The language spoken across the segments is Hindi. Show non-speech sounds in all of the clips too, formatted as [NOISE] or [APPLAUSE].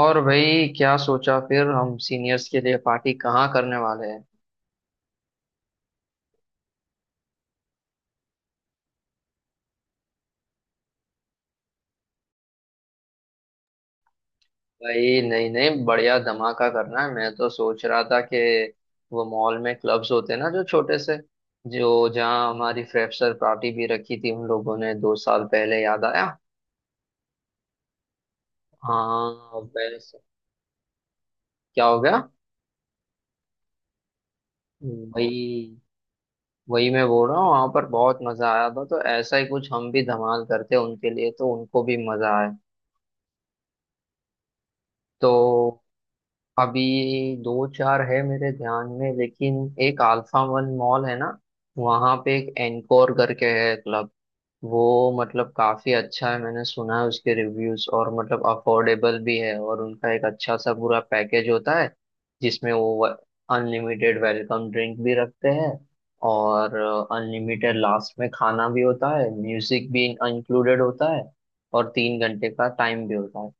और भाई क्या सोचा फिर, हम सीनियर्स के लिए पार्टी कहाँ करने वाले हैं। भाई, नहीं नहीं, बढ़िया धमाका करना है। मैं तो सोच रहा था कि वो मॉल में क्लब्स होते हैं ना, जो छोटे से, जो जहाँ हमारी फ्रेशर पार्टी भी रखी थी उन लोगों ने, 2 साल पहले, याद आया। हाँ वैसे। क्या हो गया। वही वही मैं बोल रहा हूँ, वहां पर बहुत मजा आया था, तो ऐसा ही कुछ हम भी धमाल करते हैं उनके लिए, तो उनको भी मजा आए। तो अभी दो चार है मेरे ध्यान में, लेकिन एक अल्फा वन मॉल है ना, वहां पे एक एनकोर करके है क्लब। वो मतलब काफी अच्छा है, मैंने सुना है उसके रिव्यूज, और मतलब अफोर्डेबल भी है, और उनका एक अच्छा सा पूरा पैकेज होता है जिसमें वो अनलिमिटेड वेलकम ड्रिंक भी रखते हैं, और अनलिमिटेड लास्ट में खाना भी होता है, म्यूजिक भी इंक्लूडेड होता है, और 3 घंटे का टाइम भी होता है।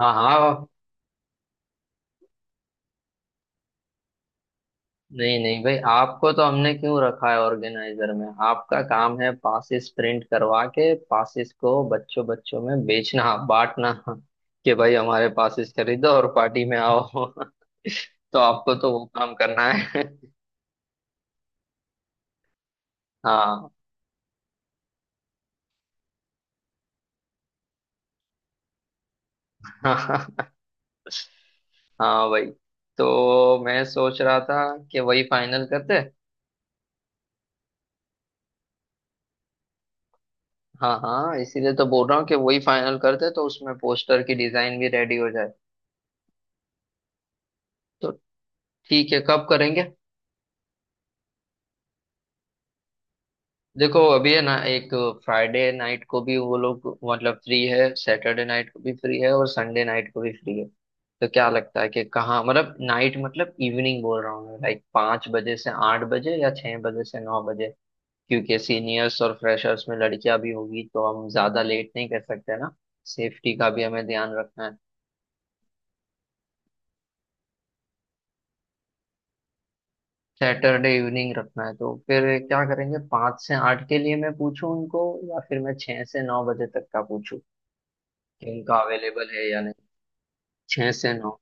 हाँ हाँ। नहीं नहीं भाई, आपको तो हमने क्यों रखा है ऑर्गेनाइजर में, आपका काम है पासिस प्रिंट करवा के पासिस को बच्चों बच्चों में बेचना बांटना, कि भाई हमारे पासिस खरीदो और पार्टी में आओ। [LAUGHS] तो आपको तो वो काम करना है। [LAUGHS] हाँ हाँ। हाँ भाई, तो मैं सोच रहा था कि वही फाइनल करते। हाँ हाँ, इसीलिए तो बोल रहा हूँ कि वही फाइनल करते, तो उसमें पोस्टर की डिजाइन भी रेडी हो जाए। तो ठीक है, कब करेंगे। देखो अभी है ना, एक फ्राइडे नाइट को भी वो लोग मतलब फ्री है, सैटरडे नाइट को भी फ्री है, और संडे नाइट को भी फ्री है। तो क्या लगता है कि कहाँ, मतलब नाइट मतलब इवनिंग बोल रहा हूँ मैं, लाइक 5 बजे से 8 बजे, या 6 बजे से 9 बजे। क्योंकि सीनियर्स और फ्रेशर्स में लड़कियां भी होगी तो हम ज्यादा लेट नहीं कर सकते ना, सेफ्टी का भी हमें ध्यान रखना है। सैटरडे इवनिंग रखना है तो फिर क्या करेंगे, 5 से 8 के लिए मैं पूछूं उनको, या फिर मैं 6 से 9 बजे तक का पूछूं कि उनका अवेलेबल है या नहीं। 6 से 9।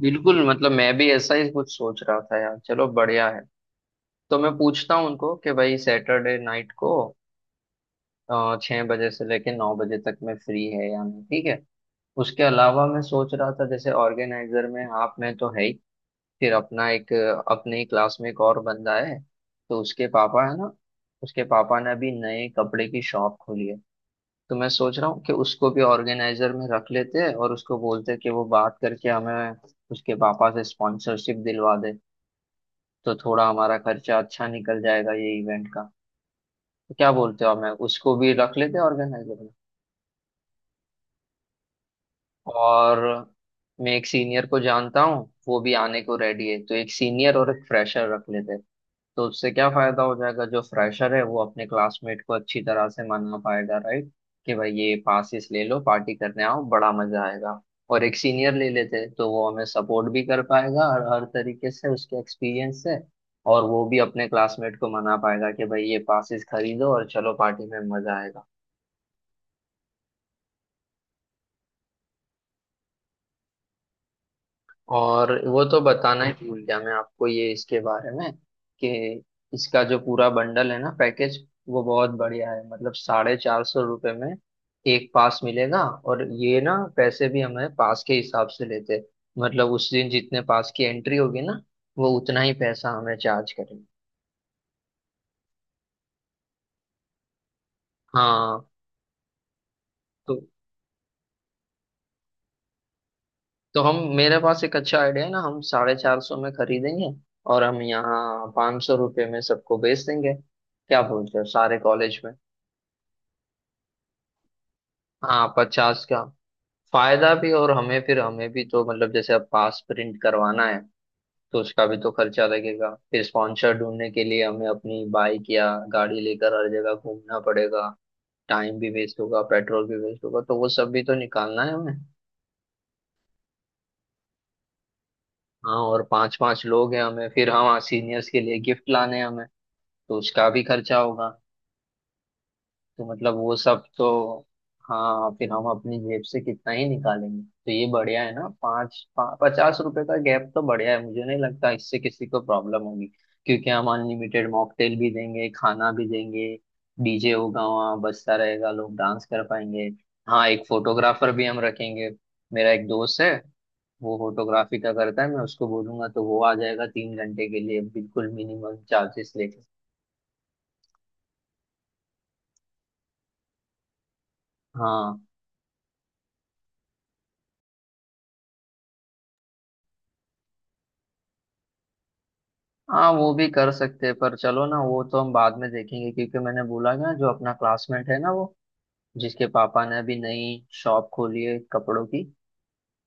बिल्कुल, मतलब मैं भी ऐसा ही कुछ सोच रहा था यार, चलो बढ़िया है। तो मैं पूछता हूँ उनको कि भाई सैटरडे नाइट को 6 बजे से लेके 9 बजे तक मैं फ्री है या नहीं, ठीक है। उसके अलावा मैं सोच रहा था, जैसे ऑर्गेनाइजर में आप मैं तो है ही, फिर अपना एक, अपने ही क्लास में एक और बंदा है, तो उसके पापा है ना, उसके पापा ने अभी नए कपड़े की शॉप खोली है। तो मैं सोच रहा हूँ कि उसको भी ऑर्गेनाइजर में रख लेते हैं, और उसको बोलते हैं कि वो बात करके हमें उसके पापा से स्पॉन्सरशिप दिलवा दे, तो थोड़ा हमारा खर्चा अच्छा निकल जाएगा ये इवेंट का। तो क्या बोलते हो, हमें उसको भी रख लेते हैं ऑर्गेनाइजर में। और मैं एक सीनियर को जानता हूँ, वो भी आने को रेडी है, तो एक सीनियर और एक फ्रेशर रख लेते हैं। तो उससे क्या फायदा हो जाएगा, जो फ्रेशर है वो अपने क्लासमेट को अच्छी तरह से मना पाएगा, राइट, कि भाई ये पासिस ले लो, पार्टी करने आओ, बड़ा मजा आएगा। और एक सीनियर ले लेते तो वो हमें सपोर्ट भी कर पाएगा, और हर तरीके से उसके एक्सपीरियंस से, और वो भी अपने क्लासमेट को मना पाएगा कि भाई ये पासिस खरीदो और चलो पार्टी में मजा आएगा। और वो तो बताना ही भूल गया मैं आपको, ये इसके बारे में, कि इसका जो पूरा बंडल है ना, पैकेज, वो बहुत बढ़िया है। मतलब 450 रुपये में एक पास मिलेगा, और ये ना, पैसे भी हमें पास के हिसाब से लेते हैं। मतलब उस दिन जितने पास की एंट्री होगी ना, वो उतना ही पैसा हमें चार्ज करेंगे। हाँ। तो तो हम, मेरे पास एक अच्छा आइडिया है ना, हम 450 में खरीदेंगे और हम यहाँ 500 रुपये में सबको बेच देंगे, क्या बोलते हो, सारे कॉलेज में। हाँ, 50 का फायदा भी, और हमें फिर, हमें भी तो मतलब, जैसे अब पास प्रिंट करवाना है तो उसका भी तो खर्चा लगेगा, फिर स्पॉन्सर ढूंढने के लिए हमें अपनी बाइक या गाड़ी लेकर हर जगह घूमना पड़ेगा, टाइम भी वेस्ट होगा, पेट्रोल भी वेस्ट होगा, तो वो सब भी तो निकालना है हमें। हाँ, और पांच पांच लोग हैं हमें, फिर हाँ सीनियर्स के लिए गिफ्ट लाने हैं हमें, तो उसका भी खर्चा होगा, तो मतलब वो सब तो, हाँ फिर हम अपनी जेब से कितना ही निकालेंगे। तो ये बढ़िया है ना, 50 रुपए का गैप तो बढ़िया है, मुझे नहीं लगता इससे किसी को प्रॉब्लम होगी, क्योंकि हम अनलिमिटेड मॉकटेल भी देंगे, खाना भी देंगे, डीजे होगा वहाँ बजता रहेगा, लोग डांस कर पाएंगे। हाँ एक फोटोग्राफर भी हम रखेंगे, मेरा एक दोस्त है वो फोटोग्राफी का करता है, मैं उसको बोलूंगा तो वो आ जाएगा 3 घंटे के लिए बिल्कुल मिनिमम चार्जेस लेके। हाँ। हाँ वो भी कर सकते हैं, पर चलो ना, वो तो हम बाद में देखेंगे, क्योंकि मैंने बोला ना, जो अपना क्लासमेट है ना वो, जिसके पापा ने अभी नई शॉप खोली है कपड़ों की,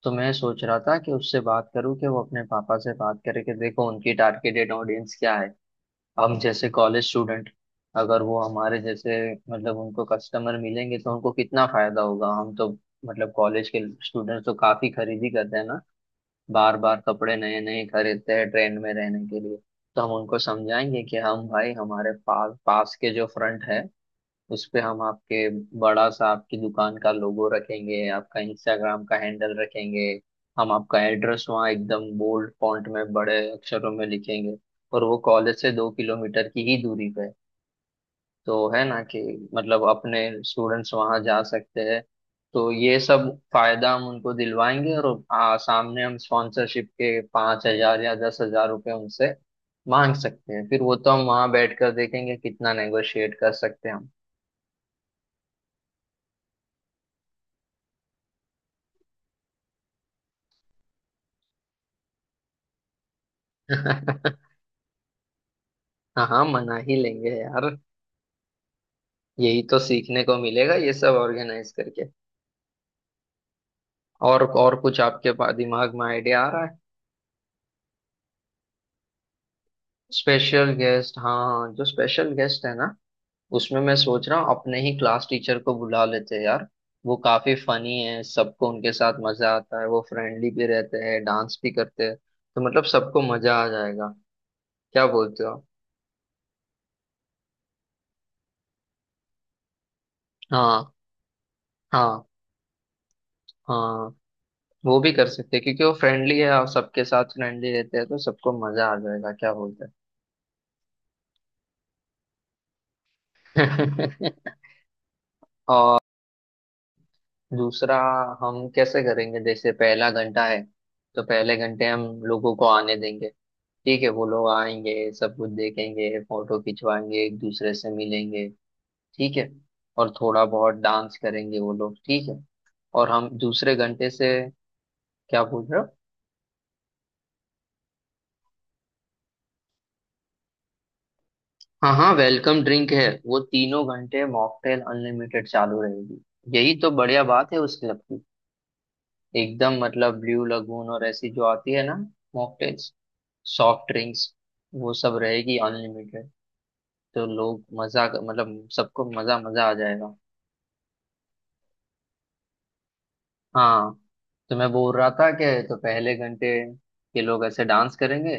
तो मैं सोच रहा था कि उससे बात करूं कि वो अपने पापा से बात करे कि देखो, उनकी टारगेटेड ऑडियंस क्या है, हम जैसे कॉलेज स्टूडेंट, अगर वो हमारे जैसे, मतलब उनको कस्टमर मिलेंगे तो उनको कितना फायदा होगा, हम तो मतलब कॉलेज के स्टूडेंट्स तो काफी खरीदी करते हैं ना, बार बार कपड़े नए नए खरीदते हैं ट्रेंड में रहने के लिए। तो हम उनको समझाएंगे कि हम भाई, हमारे पास पास के जो फ्रंट है उस पे हम आपके, बड़ा सा आपकी दुकान का लोगो रखेंगे, आपका इंस्टाग्राम का हैंडल रखेंगे, हम आपका एड्रेस वहाँ एकदम बोल्ड फॉन्ट में बड़े अक्षरों में लिखेंगे, और वो कॉलेज से 2 किलोमीटर की ही दूरी पे है, तो है ना कि मतलब अपने स्टूडेंट्स वहां जा सकते हैं। तो ये सब फायदा हम उनको दिलवाएंगे, और सामने हम स्पॉन्सरशिप के 5,000 या 10,000 रुपये उनसे मांग सकते हैं, फिर वो तो हम वहां बैठकर देखेंगे कितना नेगोशिएट कर सकते हैं हम। [LAUGHS] हाँ हाँ मना ही लेंगे यार, यही तो सीखने को मिलेगा ये सब ऑर्गेनाइज करके। और कुछ आपके दिमाग में आइडिया आ रहा है। स्पेशल गेस्ट, हाँ जो स्पेशल गेस्ट है ना, उसमें मैं सोच रहा हूँ अपने ही क्लास टीचर को बुला लेते हैं यार, वो काफी फनी है, सबको उनके साथ मजा आता है, वो फ्रेंडली भी रहते हैं, डांस भी करते हैं, तो मतलब सबको मजा आ जाएगा, क्या बोलते हो। हाँ हाँ। हाँ वो भी कर सकते हैं, क्योंकि वो फ्रेंडली है और सबके साथ फ्रेंडली रहते हैं, तो सबको मजा आ जाएगा, क्या बोलते हैं। [LAUGHS] दूसरा, हम कैसे करेंगे, जैसे पहला घंटा है, तो पहले घंटे हम लोगों को आने देंगे, ठीक है, वो लोग आएंगे, सब कुछ देखेंगे, फोटो खिंचवाएंगे, एक दूसरे से मिलेंगे, ठीक है, और थोड़ा बहुत डांस करेंगे वो लोग, ठीक है, और हम दूसरे घंटे से। क्या पूछ रहे हो। हाँ हाँ वेलकम ड्रिंक है, वो तीनों घंटे मॉकटेल अनलिमिटेड चालू रहेगी, यही तो बढ़िया बात है उस क्लब की, एकदम मतलब ब्लू लगून और ऐसी जो आती है ना मॉकटेल्स, सॉफ्ट ड्रिंक्स, वो सब रहेगी अनलिमिटेड, तो लोग मजा, मतलब सबको मजा मजा आ जाएगा। हाँ, तो मैं बोल रहा था कि तो पहले घंटे के लोग ऐसे डांस करेंगे,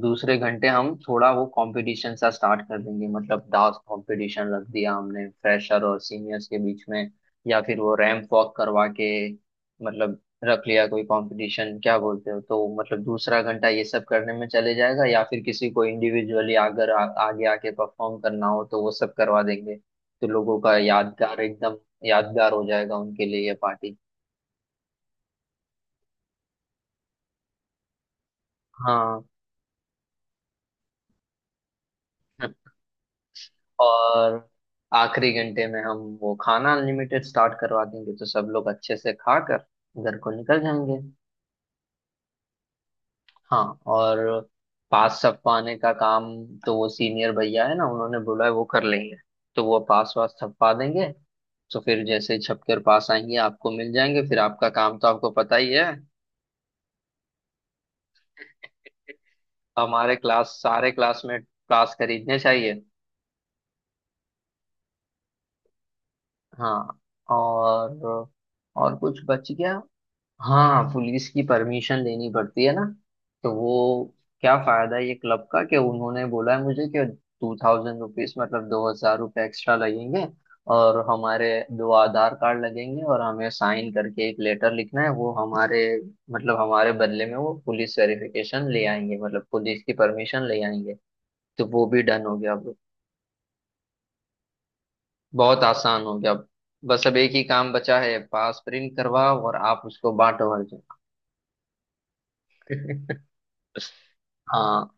दूसरे घंटे हम थोड़ा वो कंपटीशन सा स्टार्ट कर देंगे, मतलब डांस कंपटीशन रख दिया हमने फ्रेशर और सीनियर्स के बीच में, या फिर वो रैंप वॉक करवा के, मतलब रख लिया कोई कंपटीशन, क्या बोलते हो, तो मतलब दूसरा घंटा ये सब करने में चले जाएगा, या फिर किसी को इंडिविजुअली अगर आगे आके परफॉर्म करना हो तो वो सब करवा देंगे, तो लोगों का यादगार, एकदम यादगार हो जाएगा उनके लिए ये पार्टी। हाँ, और आखिरी घंटे में हम वो खाना अनलिमिटेड स्टार्ट करवा देंगे, तो सब लोग अच्छे से खाकर घर को निकल जाएंगे। हाँ, और पास छपवाने का काम, तो वो सीनियर भैया है ना, उन्होंने बोला है वो कर लेंगे, तो वो पास वास छपवा देंगे, तो फिर जैसे ही छपकर पास आएंगे आपको मिल जाएंगे, फिर आपका काम तो आपको पता ही है, हमारे क्लास सारे क्लासमेट पास खरीदने चाहिए। हाँ और और कुछ बच गया। हाँ पुलिस की परमिशन लेनी पड़ती है ना, तो वो, क्या फायदा है ये क्लब का, कि उन्होंने बोला है मुझे कि टू थाउजेंड रुपीज मतलब 2,000 रुपये एक्स्ट्रा लगेंगे, और हमारे 2 आधार कार्ड लगेंगे, और हमें साइन करके एक लेटर लिखना है, वो हमारे मतलब हमारे बदले में वो पुलिस वेरिफिकेशन ले आएंगे, मतलब पुलिस की परमिशन ले आएंगे, तो वो भी डन हो गया अब। बहुत आसान हो गया अब, बस अब एक ही काम बचा है, पास प्रिंट करवाओ और आप उसको बांटो हर जगह। [LAUGHS] हाँ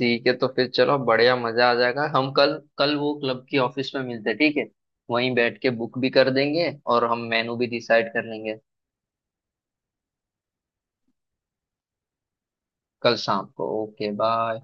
ठीक है, तो फिर चलो बढ़िया, मजा आ जाएगा। हम कल कल वो क्लब की ऑफिस में मिलते हैं, ठीक है, वहीं बैठ के बुक भी कर देंगे, और हम मेनू भी डिसाइड कर लेंगे। कल शाम को, ओके बाय।